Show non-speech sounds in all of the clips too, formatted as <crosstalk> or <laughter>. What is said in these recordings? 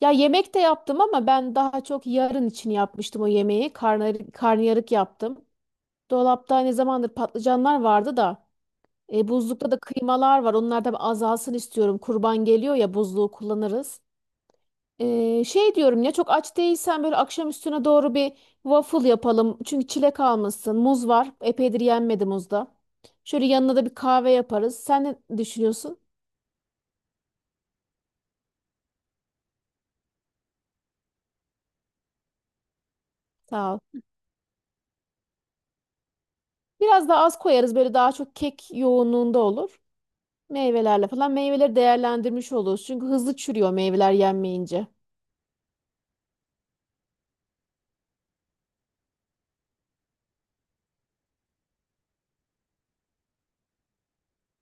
Ya yemek de yaptım ama ben daha çok yarın için yapmıştım o yemeği. Karnıyarık yaptım. Dolapta ne zamandır patlıcanlar vardı da buzlukta da kıymalar var. Onlar da bir azalsın istiyorum. Kurban geliyor ya buzluğu kullanırız. Şey diyorum ya çok aç değilsen böyle akşam üstüne doğru bir waffle yapalım. Çünkü çilek almışsın. Muz var. Epeydir yenmedi muzda. Şöyle yanına da bir kahve yaparız. Sen ne düşünüyorsun? Sağ ol. Biraz daha az koyarız böyle daha çok kek yoğunluğunda olur. Meyvelerle falan meyveleri değerlendirmiş oluyoruz. Çünkü hızlı çürüyor meyveler yenmeyince.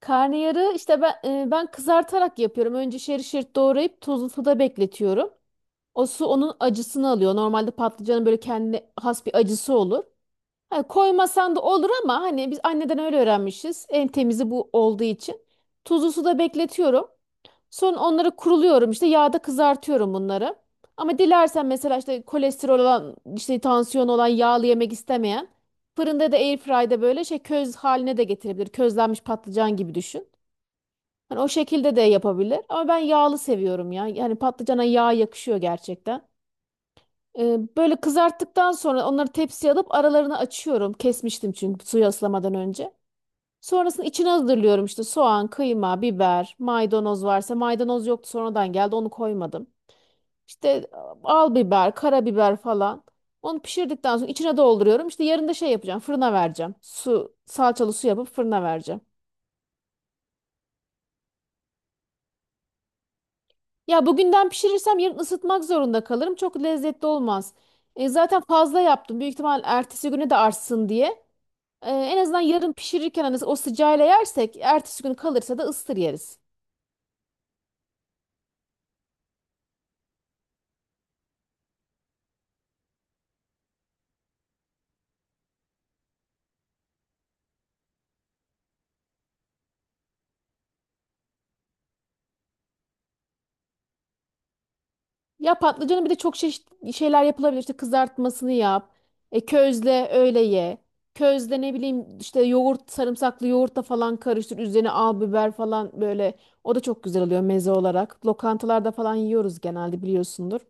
Karnıyarı işte ben kızartarak yapıyorum. Önce şerit şerit doğrayıp tuzlu suda bekletiyorum. O su onun acısını alıyor. Normalde patlıcanın böyle kendine has bir acısı olur. Hani koymasan da olur ama hani biz anneden öyle öğrenmişiz. En temizi bu olduğu için. Tuzlu suda bekletiyorum. Sonra onları kuruluyorum işte yağda kızartıyorum bunları. Ama dilersen mesela işte kolesterol olan işte tansiyon olan yağlı yemek istemeyen fırında da airfryde böyle şey köz haline de getirebilir. Közlenmiş patlıcan gibi düşün. Hani o şekilde de yapabilir. Ama ben yağlı seviyorum ya. Yani patlıcana yağ yakışıyor gerçekten. Böyle kızarttıktan sonra onları tepsiye alıp aralarını açıyorum. Kesmiştim çünkü suyu ıslamadan önce. Sonrasında içine hazırlıyorum işte soğan, kıyma, biber, maydanoz varsa maydanoz yoktu sonradan geldi onu koymadım. İşte al biber, karabiber falan. Onu pişirdikten sonra içine dolduruyorum. İşte yarın da şey yapacağım fırına vereceğim. Su, salçalı su yapıp fırına vereceğim. Ya bugünden pişirirsem yarın ısıtmak zorunda kalırım. Çok lezzetli olmaz. Zaten fazla yaptım. Büyük ihtimal ertesi güne de artsın diye. En azından yarın pişirirken hani o sıcağıyla yersek ertesi gün kalırsa da ıstır yeriz. Ya patlıcanı bir de çok çeşitli şeyler yapılabilir. İşte kızartmasını yap. Közle öyle ye. Közle ne bileyim işte yoğurt, sarımsaklı yoğurtla falan karıştır. Üzerine al biber falan böyle. O da çok güzel oluyor meze olarak. Lokantalarda falan yiyoruz genelde biliyorsundur.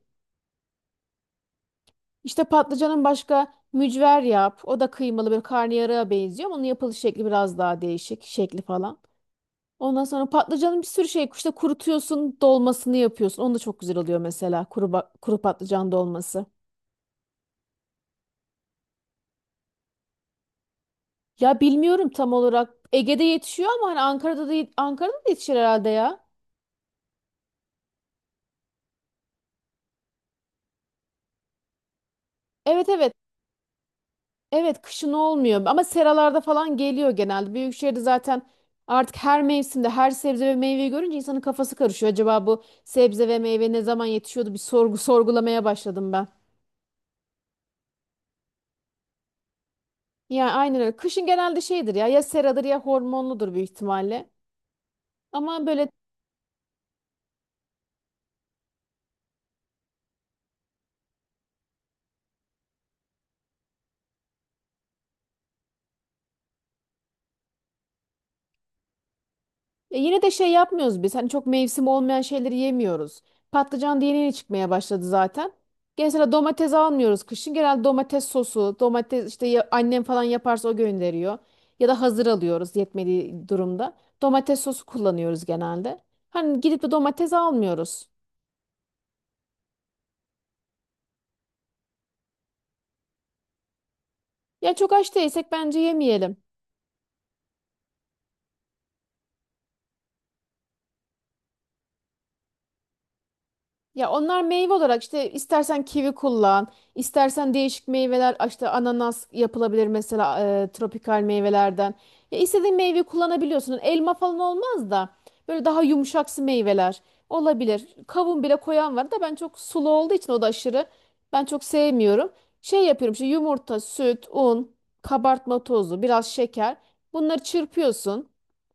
İşte patlıcanın başka mücver yap. O da kıymalı böyle karnıyarığa benziyor. Onun yapılış şekli biraz daha değişik. Şekli falan. Ondan sonra patlıcanın bir sürü şey işte kurutuyorsun, dolmasını yapıyorsun. Onu da çok güzel oluyor mesela kuru patlıcan dolması. Ya bilmiyorum tam olarak. Ege'de yetişiyor ama hani Ankara'da da yetişir herhalde ya. Evet evet. Evet kışın olmuyor ama seralarda falan geliyor genelde. Büyükşehir'de zaten artık her mevsimde her sebze ve meyveyi görünce insanın kafası karışıyor. Acaba bu sebze ve meyve ne zaman yetişiyordu bir <laughs> sorgulamaya başladım ben. Yani aynen öyle. Kışın genelde şeydir ya ya seradır ya hormonludur büyük ihtimalle. Ama böyle ya yine de şey yapmıyoruz biz. Hani çok mevsim olmayan şeyleri yemiyoruz. Patlıcan da yeni yeni çıkmaya başladı zaten. Genelde domates almıyoruz kışın. Genelde domates sosu, domates işte annem falan yaparsa o gönderiyor. Ya da hazır alıyoruz yetmediği durumda. Domates sosu kullanıyoruz genelde. Hani gidip de domates almıyoruz. Ya çok aç değilsek bence yemeyelim. Ya onlar meyve olarak işte istersen kivi kullan, istersen değişik meyveler işte ananas yapılabilir mesela tropikal meyvelerden. Ya istediğin meyve kullanabiliyorsun. Elma falan olmaz da böyle daha yumuşaksı meyveler olabilir. Kavun bile koyan var da ben çok sulu olduğu için o da aşırı ben çok sevmiyorum. Şey yapıyorum işte yumurta, süt, un, kabartma tozu, biraz şeker. Bunları çırpıyorsun.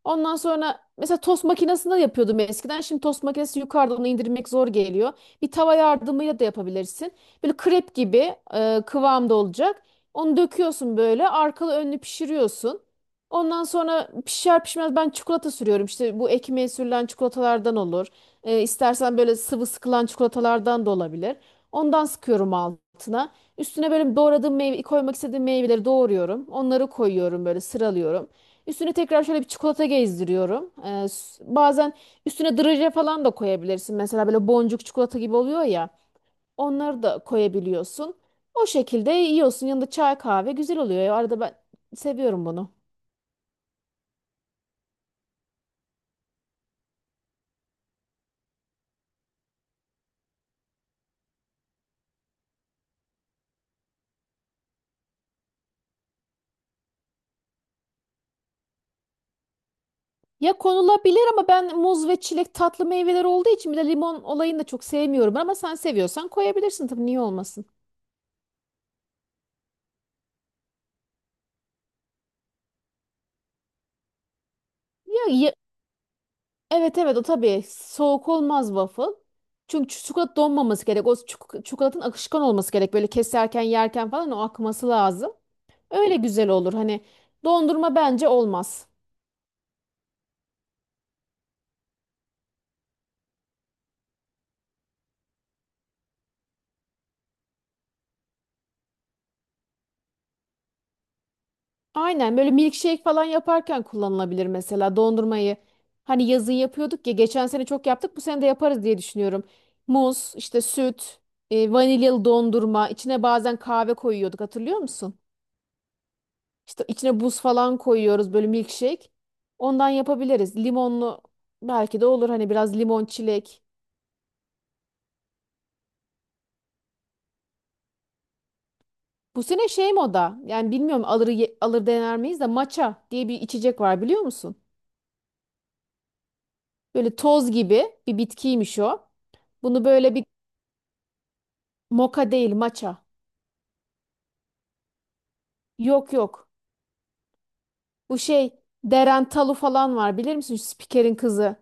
Ondan sonra mesela tost makinesinde yapıyordum eskiden. Şimdi tost makinesi yukarıdan onu indirmek zor geliyor. Bir tava yardımıyla da yapabilirsin. Böyle krep gibi kıvamda olacak. Onu döküyorsun böyle arkalı önlü pişiriyorsun. Ondan sonra pişer pişmez ben çikolata sürüyorum. İşte bu ekmeğe sürülen çikolatalardan olur. İstersen böyle sıvı sıkılan çikolatalardan da olabilir. Ondan sıkıyorum altına. Üstüne böyle doğradığım meyve, koymak istediğim meyveleri doğruyorum. Onları koyuyorum böyle sıralıyorum. Üstüne tekrar şöyle bir çikolata gezdiriyorum. Bazen üstüne draje falan da koyabilirsin. Mesela böyle boncuk çikolata gibi oluyor ya. Onları da koyabiliyorsun. O şekilde yiyorsun. Yanında çay kahve güzel oluyor. Ya, arada ben seviyorum bunu. Ya konulabilir ama ben muz ve çilek tatlı meyveler olduğu için bir de limon olayını da çok sevmiyorum. Ama sen seviyorsan koyabilirsin tabii niye olmasın. Ya Evet evet o tabii soğuk olmaz waffle. Çünkü çikolata donmaması gerek. O çikolatanın akışkan olması gerek. Böyle keserken yerken falan o akması lazım. Öyle güzel olur. Hani dondurma bence olmaz. Aynen böyle milkshake falan yaparken kullanılabilir mesela dondurmayı. Hani yazın yapıyorduk ya geçen sene çok yaptık bu sene de yaparız diye düşünüyorum. Muz, işte süt, vanilyalı dondurma, içine bazen kahve koyuyorduk hatırlıyor musun? İşte içine buz falan koyuyoruz böyle milkshake. Ondan yapabiliriz. Limonlu belki de olur hani biraz limon çilek. Bu sene şey moda yani bilmiyorum alır dener miyiz de matcha diye bir içecek var biliyor musun? Böyle toz gibi bir bitkiymiş o. Bunu böyle bir moka değil matcha. Yok yok. Bu şey Deren Talu falan var bilir misin? Şu spikerin kızı.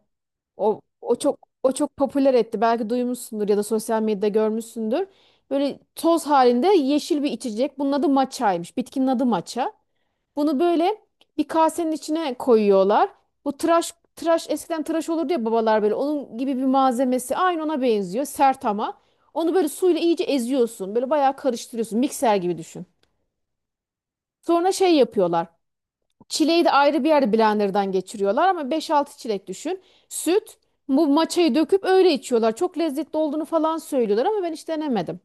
O çok popüler etti. Belki duymuşsundur ya da sosyal medyada görmüşsündür. Böyle toz halinde yeşil bir içecek. Bunun adı matchaymış. Bitkinin adı matcha. Bunu böyle bir kasenin içine koyuyorlar. Bu tıraş eskiden tıraş olurdu ya babalar böyle. Onun gibi bir malzemesi aynı ona benziyor. Sert ama. Onu böyle suyla iyice eziyorsun. Böyle bayağı karıştırıyorsun. Mikser gibi düşün. Sonra şey yapıyorlar. Çileği de ayrı bir yerde blenderdan geçiriyorlar ama beş altı çilek düşün. Süt, bu maçayı döküp öyle içiyorlar. Çok lezzetli olduğunu falan söylüyorlar ama ben hiç denemedim.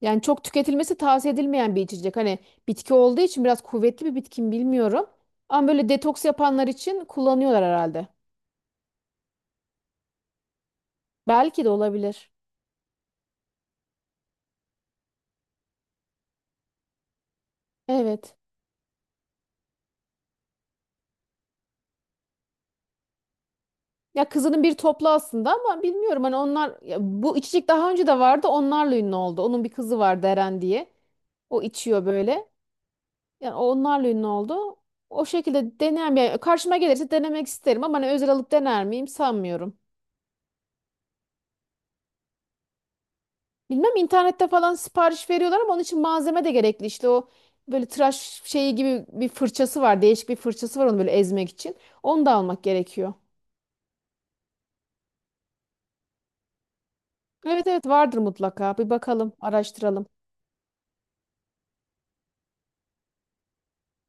Yani çok tüketilmesi tavsiye edilmeyen bir içecek. Hani bitki olduğu için biraz kuvvetli bir bitki mi bilmiyorum. Ama böyle detoks yapanlar için kullanıyorlar herhalde. Belki de olabilir. Evet. Ya kızının bir toplu aslında ama bilmiyorum hani onlar ya bu içecek daha önce de vardı onlarla ünlü oldu. Onun bir kızı vardı Eren diye. O içiyor böyle. Yani onlarla ünlü oldu. O şekilde deneyen yani karşıma gelirse denemek isterim ama hani özel alıp dener miyim sanmıyorum. Bilmem internette falan sipariş veriyorlar ama onun için malzeme de gerekli. İşte o böyle tıraş şeyi gibi bir fırçası var. Değişik bir fırçası var onu böyle ezmek için. Onu da almak gerekiyor. Evet evet vardır mutlaka. Bir bakalım, araştıralım.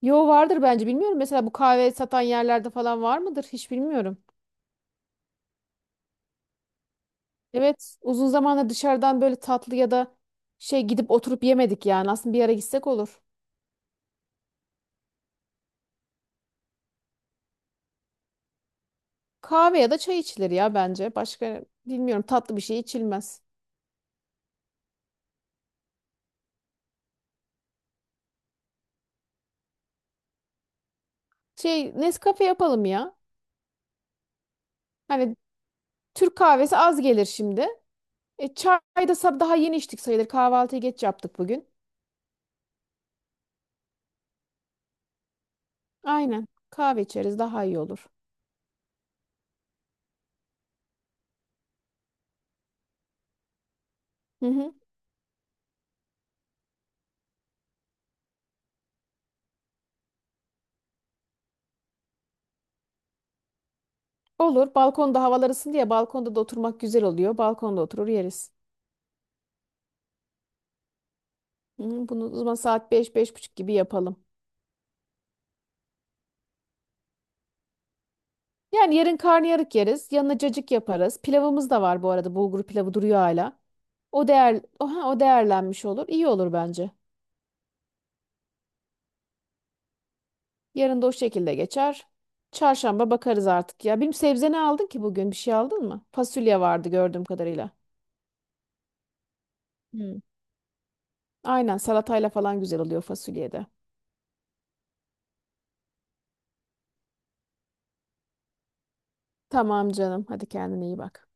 Yo vardır bence bilmiyorum. Mesela bu kahve satan yerlerde falan var mıdır? Hiç bilmiyorum. Evet uzun zamandır dışarıdan böyle tatlı ya da şey gidip oturup yemedik yani. Aslında bir ara gitsek olur. Kahve ya da çay içilir ya bence. Başka bilmiyorum tatlı bir şey içilmez. Şey Nescafe yapalım ya. Hani Türk kahvesi az gelir şimdi. Çay da daha yeni içtik sayılır. Kahvaltıyı geç yaptık bugün. Aynen. Kahve içeriz daha iyi olur. Hı hı. Olur. Balkonda havalar ısındı ya balkonda da oturmak güzel oluyor. Balkonda oturur yeriz. Hı, bunu o zaman saat 5 beş buçuk gibi yapalım. Yani yarın karnıyarık yeriz. Yanına cacık yaparız. Pilavımız da var bu arada. Bulgur pilavı duruyor hala. O değerlenmiş olur. İyi olur bence. Yarın da o şekilde geçer. Çarşamba bakarız artık ya. Benim sebze ne aldın ki bugün? Bir şey aldın mı? Fasulye vardı gördüğüm kadarıyla. Hmm. Aynen salatayla falan güzel oluyor fasulyede. Tamam canım. Hadi kendine iyi bak.